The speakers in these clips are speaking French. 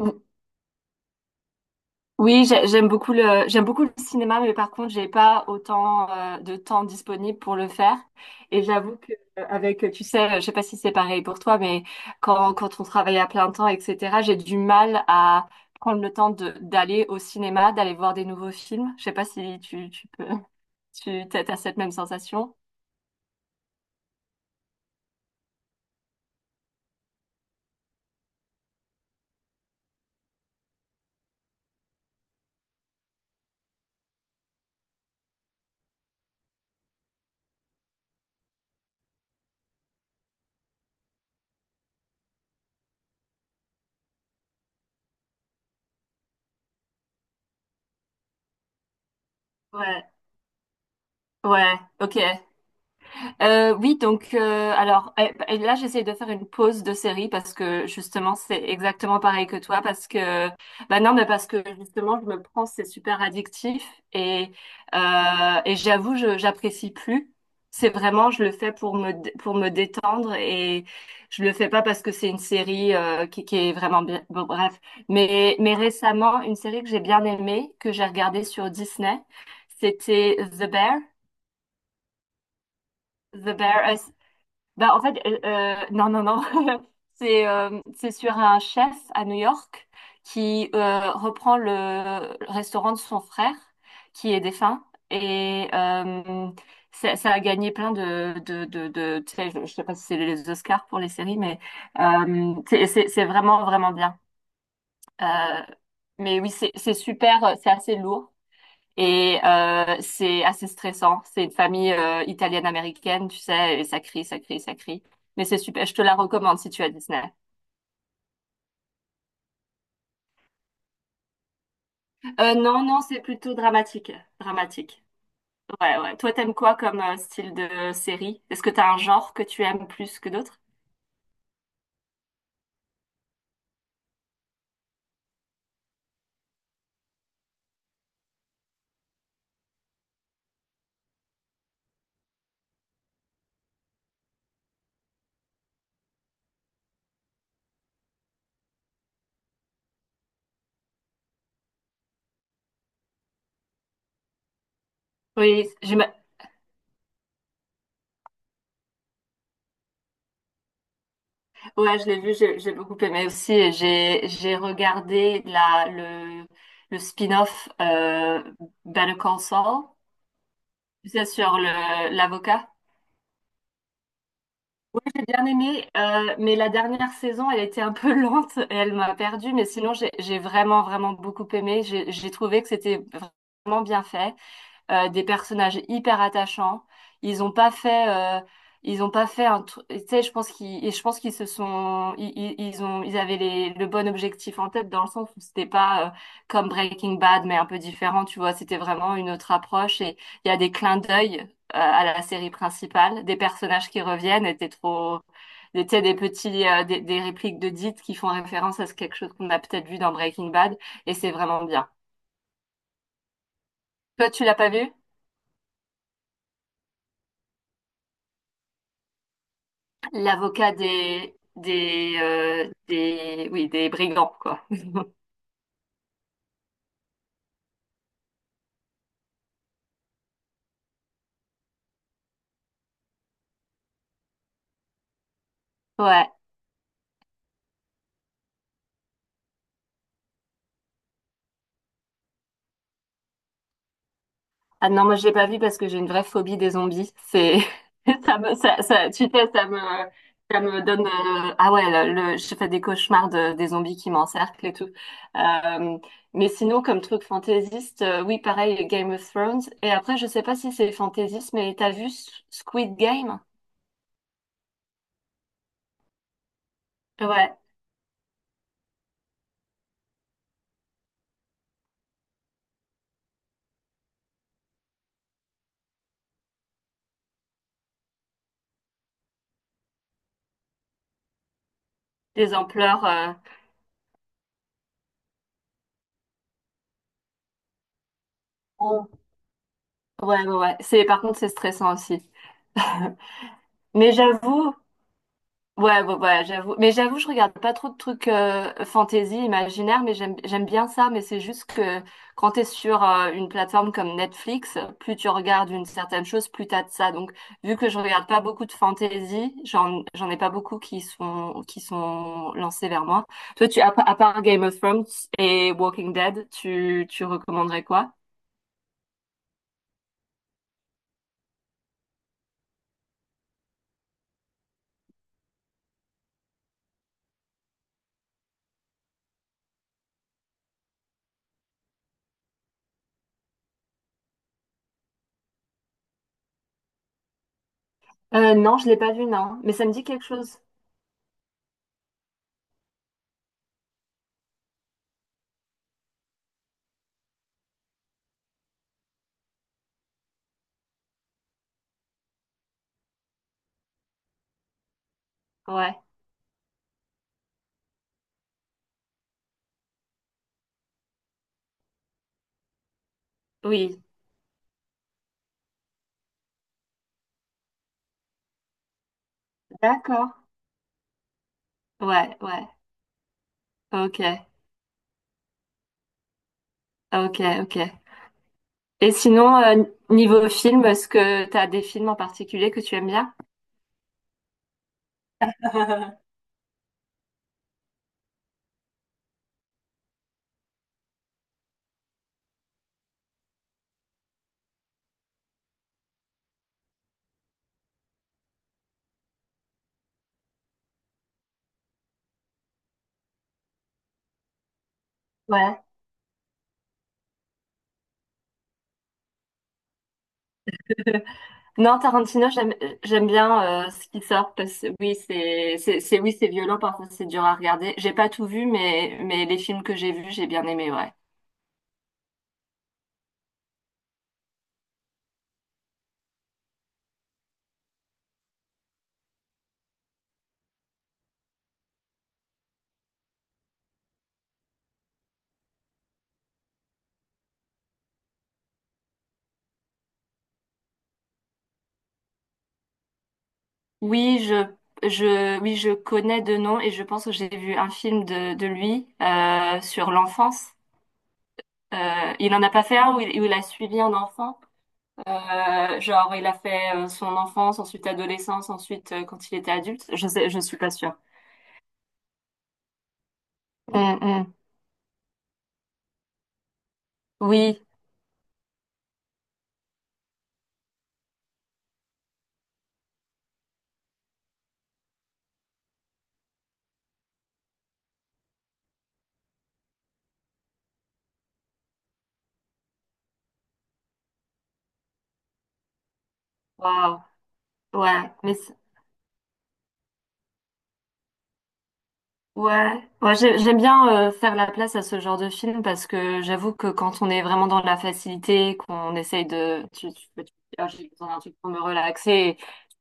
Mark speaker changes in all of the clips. Speaker 1: Ou- Oui, j'aime beaucoup j'aime beaucoup le cinéma, mais par contre, j'ai pas autant de temps disponible pour le faire. Et j'avoue que avec, tu sais, je sais pas si c'est pareil pour toi, mais quand on travaille à plein temps, etc., j'ai du mal à prendre le temps d'aller au cinéma, d'aller voir des nouveaux films. Je sais pas si tu peux, t'as cette même sensation. Ouais, ouais, ok. Oui, donc alors et là j'essaie de faire une pause de série parce que justement c'est exactement pareil que toi parce que bah non mais parce que justement je me prends c'est super addictif et euh, et j'avoue je j'apprécie plus. C'est vraiment je le fais pour pour me détendre et je le fais pas parce que c'est une série qui est vraiment bien. Bon, bref, mais récemment une série que j'ai bien aimée que j'ai regardée sur Disney, c'était The Bear. The Bear, bah, en fait, non, non, non. C'est sur un chef à New York qui reprend le restaurant de son frère qui est défunt. Et ça a gagné plein tu sais, je sais pas si c'est les Oscars pour les séries, mais c'est vraiment, vraiment bien. Euh, mais oui, c'est super, c'est assez lourd. Et c'est assez stressant. C'est une famille italienne-américaine, tu sais, et ça crie, ça crie, ça crie. Mais c'est super, je te la recommande si tu as Disney. Non, non, c'est plutôt dramatique. Dramatique. Ouais, ouais. Toi, t'aimes quoi comme style de série? Est-ce que t'as un genre que tu aimes plus que d'autres? Oui, j'ai ma- ouais, je l'ai vu, j'ai beaucoup aimé aussi. Et j'ai regardé la le spin-off Better Call Saul, tu sais, sur le l'avocat. J'ai bien aimé, mais la dernière saison, elle était un peu lente et elle m'a perdue. Mais sinon, j'ai vraiment, vraiment beaucoup aimé. J'ai trouvé que c'était vraiment bien fait des personnages hyper attachants. Ils ont pas fait, euh, ils ont pas fait un truc. Tu sais, je pense qu'ils se sont, ils avaient le bon objectif en tête dans le sens où c'était pas comme Breaking Bad, mais un peu différent. Tu vois, c'était vraiment une autre approche et il y a des clins d'œil à la série principale, des personnages qui reviennent. Tu sais, des répliques de dites qui font référence à ce quelque chose qu'on a peut-être vu dans Breaking Bad et c'est vraiment bien. Toi, tu l'as pas vu? L'avocat des oui des brigands quoi. Ouais. Ah non, moi je l'ai pas vu parce que j'ai une vraie phobie des zombies. C'est ça me ça, ça tu sais ça me donne ah ouais je fais des cauchemars des zombies qui m'encerclent et tout. Euh, mais sinon comme truc fantaisiste oui pareil Game of Thrones et après je sais pas si c'est fantaisiste mais t'as vu Squid Game? Ouais. Les ampleurs. Oh. Ouais, ouais, ouais. C'est, par contre c'est stressant aussi. Mais j'avoue, ouais, ouais, ouais, j'avoue. Mais j'avoue, je regarde pas trop de trucs fantasy, imaginaire, mais j'aime bien ça. Mais c'est juste que quand t'es sur une plateforme comme Netflix, plus tu regardes une certaine chose, plus t'as de ça. Donc, vu que je regarde pas beaucoup de fantasy, j'en ai pas beaucoup qui sont lancés vers moi. Toi, à part Game of Thrones et Walking Dead, tu recommanderais quoi? Non, je l'ai pas vu, non. Mais ça me dit quelque chose. Ouais. Oui. D'accord. Ouais, ouais. Ok. Ok, ok. Et sinon, niveau film, est-ce que tu as des films en particulier que tu aimes bien? Ouais. Non, Tarantino, j'aime bien ce qui sort parce que oui, oui, c'est violent parfois, c'est dur à regarder. J'ai pas tout vu, mais les films que j'ai vus, j'ai bien aimé, ouais. Oui, je oui, je connais de nom et je pense que j'ai vu un film de lui sur l'enfance. Il en a pas fait un où il a suivi un enfant. Genre, il a fait son enfance, ensuite adolescence, ensuite quand il était adulte. Je sais, je suis pas sûre. Hum, hum. Oui. Waouh. Ouais. Mais ouais, ouais, j'aime bien faire la place à ce genre de film parce que j'avoue que quand on est vraiment dans la facilité, qu'on essaye de, peux te dire, ah, j'ai besoin d'un truc pour me relaxer, et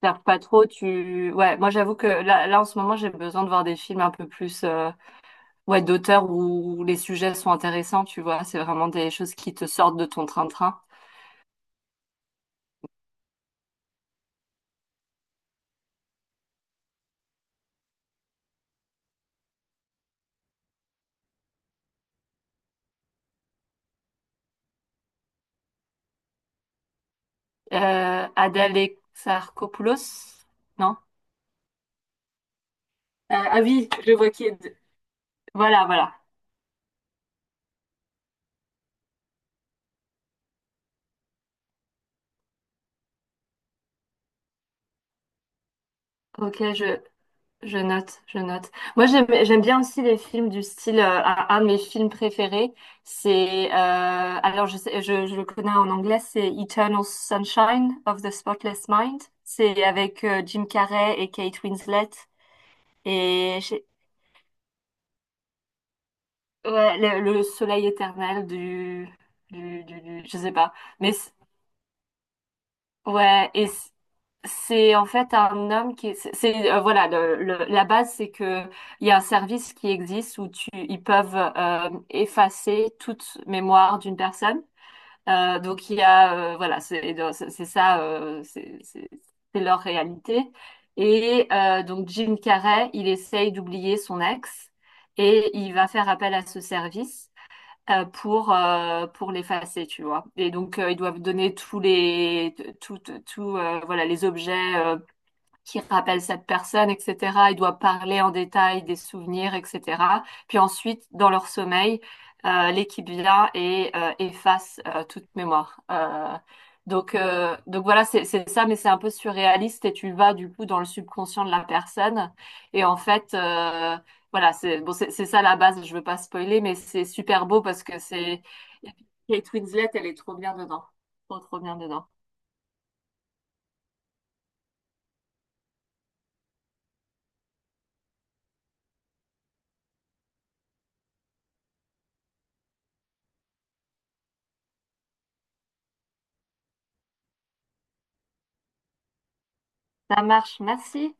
Speaker 1: faire pas trop, ouais, moi j'avoue que là en ce moment j'ai besoin de voir des films un peu plus, ouais, d'auteur où les sujets sont intéressants, tu vois, c'est vraiment des choses qui te sortent de ton train-train. Ada Alexakopoulos, non? Ah oui, je vois qui est. Voilà, voilà. Ok, je, je note, je note. Moi, j'aime bien aussi les films du style, un de mes films préférés, c'est, alors je le connais en anglais, c'est Eternal Sunshine of the Spotless Mind. C'est avec Jim Carrey et Kate Winslet. Et j'ai- ouais, le soleil éternel je sais pas. Mais ouais, c'est en fait un homme qui, voilà, la base c'est que il y a un service qui existe où tu, ils peuvent effacer toute mémoire d'une personne. Donc il y a, voilà, c'est ça, c'est leur réalité. Et donc Jim Carrey, il essaye d'oublier son ex et il va faire appel à ce service pour l'effacer, tu vois. Et donc, ils doivent donner tous les, tout, tout, voilà, les objets qui rappelle cette personne, etc. Ils doivent parler en détail des souvenirs, etc. Puis ensuite, dans leur sommeil, l'équipe vient et efface toute mémoire. Donc voilà, c'est ça, mais c'est un peu surréaliste et tu vas du coup dans le subconscient de la personne. Et en fait, voilà, c'est bon, c'est ça la base. Je veux pas spoiler, mais c'est super beau parce que c'est Kate Winslet, elle est trop bien dedans, trop trop bien dedans. Ça marche, merci.